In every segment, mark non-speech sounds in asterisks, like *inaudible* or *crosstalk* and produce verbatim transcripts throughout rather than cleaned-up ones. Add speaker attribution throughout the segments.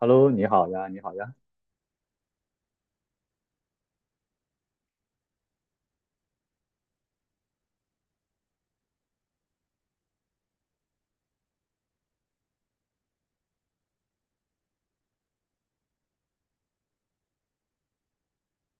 Speaker 1: Hello，你好呀，你好呀。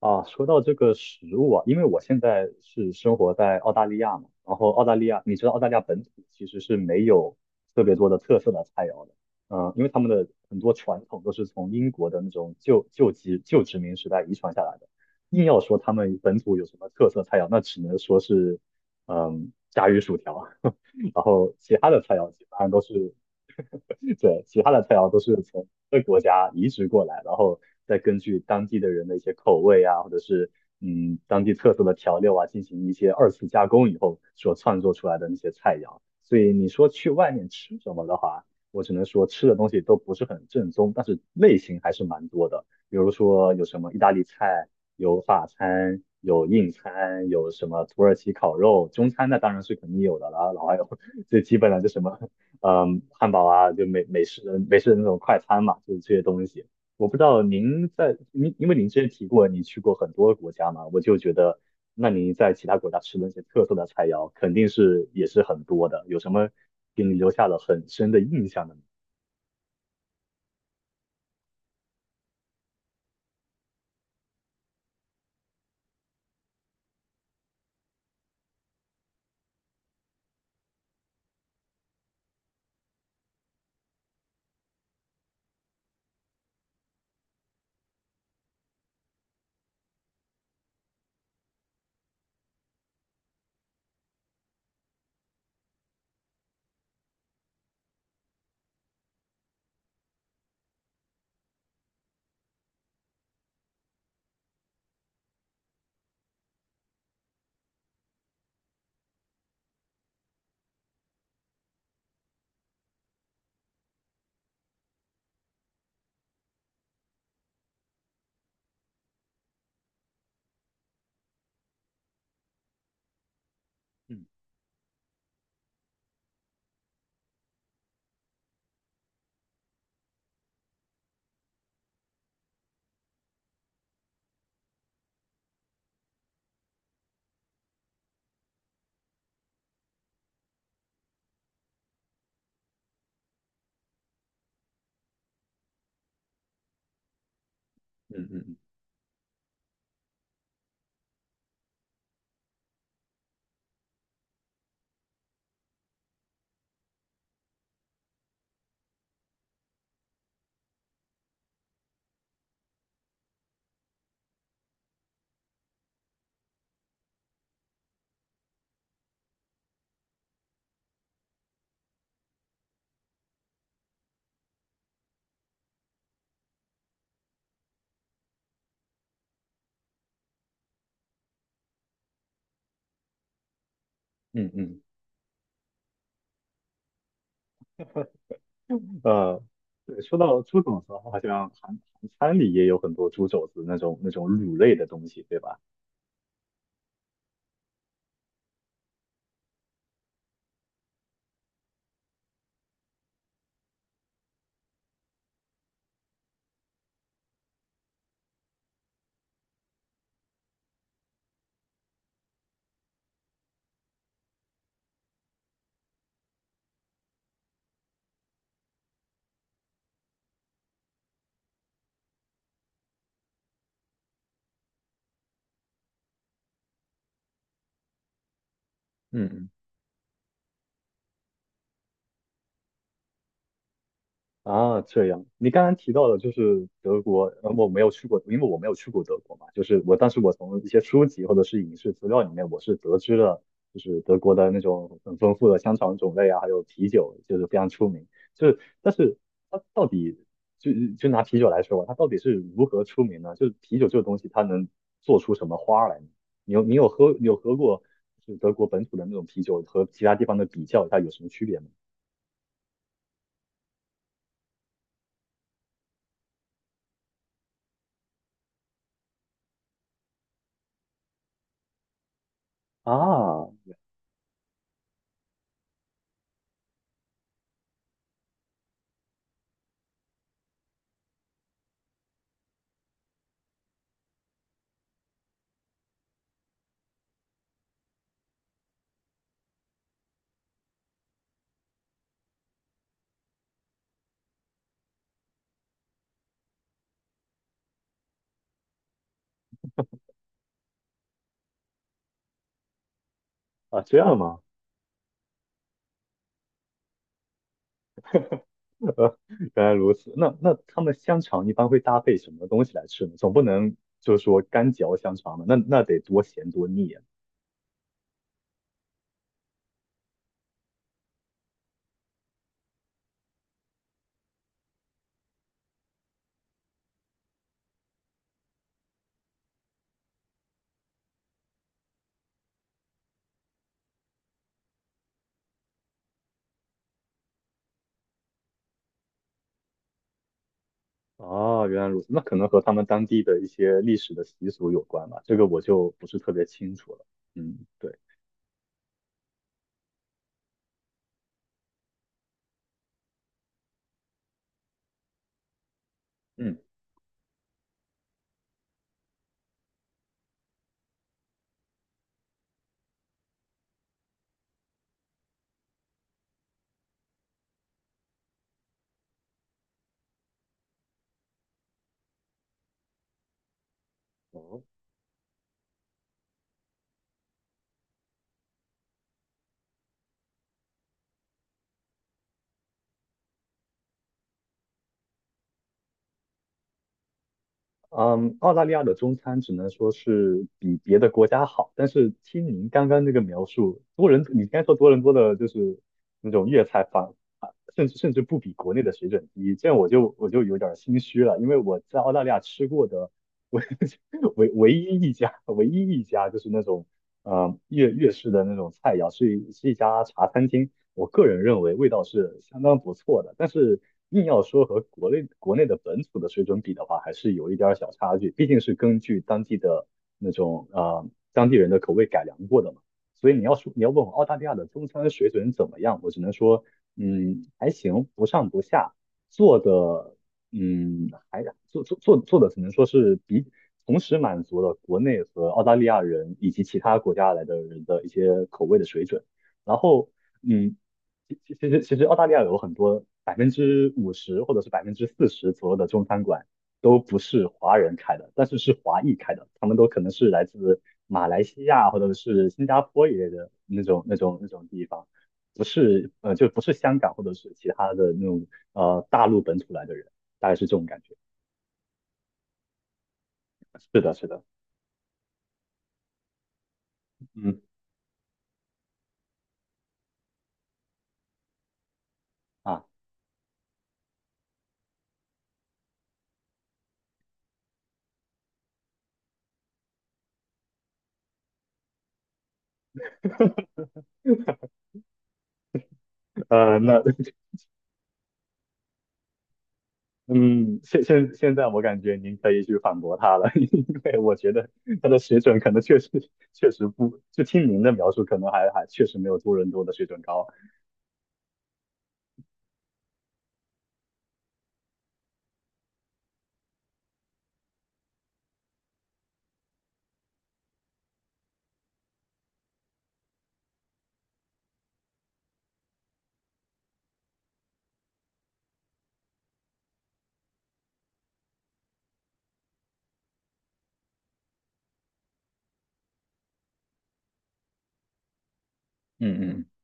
Speaker 1: 啊，说到这个食物啊，因为我现在是生活在澳大利亚嘛，然后澳大利亚，你知道澳大利亚本土其实是没有特别多的特色的菜肴的。嗯，因为他们的很多传统都是从英国的那种旧旧殖旧殖民时代遗传下来的。硬要说他们本土有什么特色菜肴，那只能说是，嗯，炸鱼薯条，*laughs* 然后其他的菜肴基本上都是对，其他的菜肴都是从各国家移植过来，然后再根据当地的人的一些口味啊，或者是嗯当地特色的调料啊，进行一些二次加工以后所创作出来的那些菜肴。所以你说去外面吃什么的话，我只能说吃的东西都不是很正宗，但是类型还是蛮多的。比如说有什么意大利菜，有法餐，有印餐，有什么土耳其烤肉，中餐那当然是肯定有的啦，然后还有 *laughs* 最基本的就什么嗯，汉堡啊，就美美式的美式的那种快餐嘛，就是这些东西。我不知道您在您，因为您之前提过你去过很多国家嘛，我就觉得，那您在其他国家吃的那些特色的菜肴，肯定是也是很多的。有什么给你留下了很深的印象的吗？嗯。嗯。嗯。嗯。嗯。嗯，呃，对，说到猪肘子的话，好像韩韩餐里也有很多猪肘子那种那种卤类的东西，对吧？嗯。嗯。啊，这样，你刚刚提到的就是德国，呃，我没有去过，因为我没有去过德国嘛，就是我，但是我从一些书籍或者是影视资料里面，我是得知了，就是德国的那种很丰富的香肠种类啊，还有啤酒，就是非常出名。就是，但是它到底就就拿啤酒来说吧，它到底是如何出名呢？就是啤酒这个东西，它能做出什么花儿来呢？你有你有喝你有喝过就是德国本土的那种啤酒和其他地方的比较，它有什么区别吗？啊。啊，这样吗？*laughs* 呃，原来如此。那那他们香肠一般会搭配什么东西来吃呢？总不能就是说干嚼香肠吧？那那得多咸多腻啊！哦，原来如此。那可能和他们当地的一些历史的习俗有关吧，这个我就不是特别清楚了。嗯，对。嗯。哦。嗯，澳大利亚的中餐只能说是比别的国家好，但是听您刚刚那个描述，多伦，你刚才说多伦多的就是那种粤菜反，啊甚至甚至不比国内的水准低，这样我就我就有点儿心虚了，因为我在澳大利亚吃过的唯 *laughs* 唯唯一一家唯一一家就是那种嗯粤粤式的那种菜肴，是一是一家茶餐厅，我个人认为味道是相当不错的，但是硬要说和国内国内的本土的水准比的话，还是有一点儿小差距，毕竟是根据当地的那种呃当地人的口味改良过的嘛。所以你要说你要问我澳大利亚的中餐水准怎么样，我只能说，嗯，还行，不上不下，做的，嗯，还做做做做的只能说是比同时满足了国内和澳大利亚人以及其他国家来的人的一些口味的水准。然后，嗯，其其其实其实澳大利亚有很多百分之五十或者是百分之四十左右的中餐馆都不是华人开的，但是是华裔开的，他们都可能是来自马来西亚或者是新加坡一类的那种那种那种地方，不是呃就不是香港或者是其他的那种呃大陆本土来的人，大概是这种感觉。是的，是的，嗯。啊，*laughs* 呃，那 *laughs* 嗯，现现现在我感觉您可以去反驳他了，*laughs* 因为我觉得他的水准可能确实确实不，就听您的描述，可能还还确实没有多伦多的水准高。嗯嗯。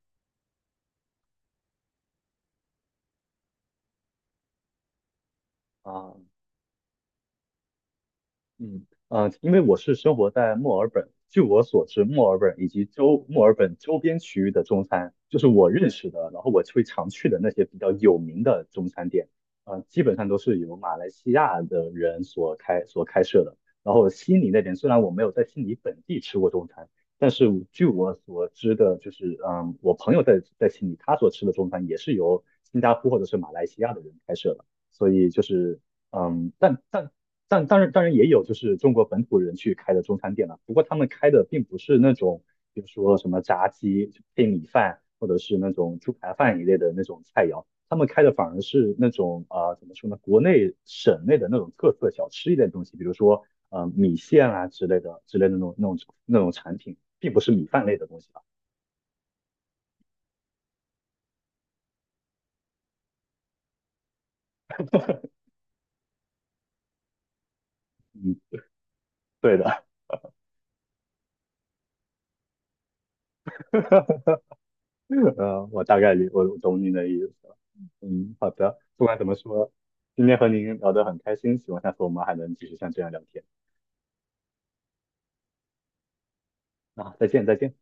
Speaker 1: 啊，嗯，呃，因为我是生活在墨尔本，据我所知，墨尔本以及周墨尔本周边区域的中餐，就是我认识的，然后我会常去的那些比较有名的中餐店，呃，基本上都是由马来西亚的人所开所开设的。然后悉尼那边，虽然我没有在悉尼本地吃过中餐，但是我据我所知的，就是嗯，我朋友在在悉尼，他所吃的中餐也是由新加坡或者是马来西亚的人开设的，所以就是。嗯，但但但当然当然也有就是中国本土人去开的中餐店了，不过他们开的并不是那种，比如说什么炸鸡配米饭，或者是那种猪排饭一类的那种菜肴，他们开的反而是那种啊、呃怎么说呢，国内省内的那种特色小吃一类的东西，比如说呃米线啊之类的之类的那种那种那种产品，并不是米饭类的东西啊。嗯，对的。*laughs* 呃，我大概理我我懂您的意思了。嗯，好的。不管怎么说，今天和您聊得很开心，希望下次我们还能继续像这样聊天。啊，再见，再见。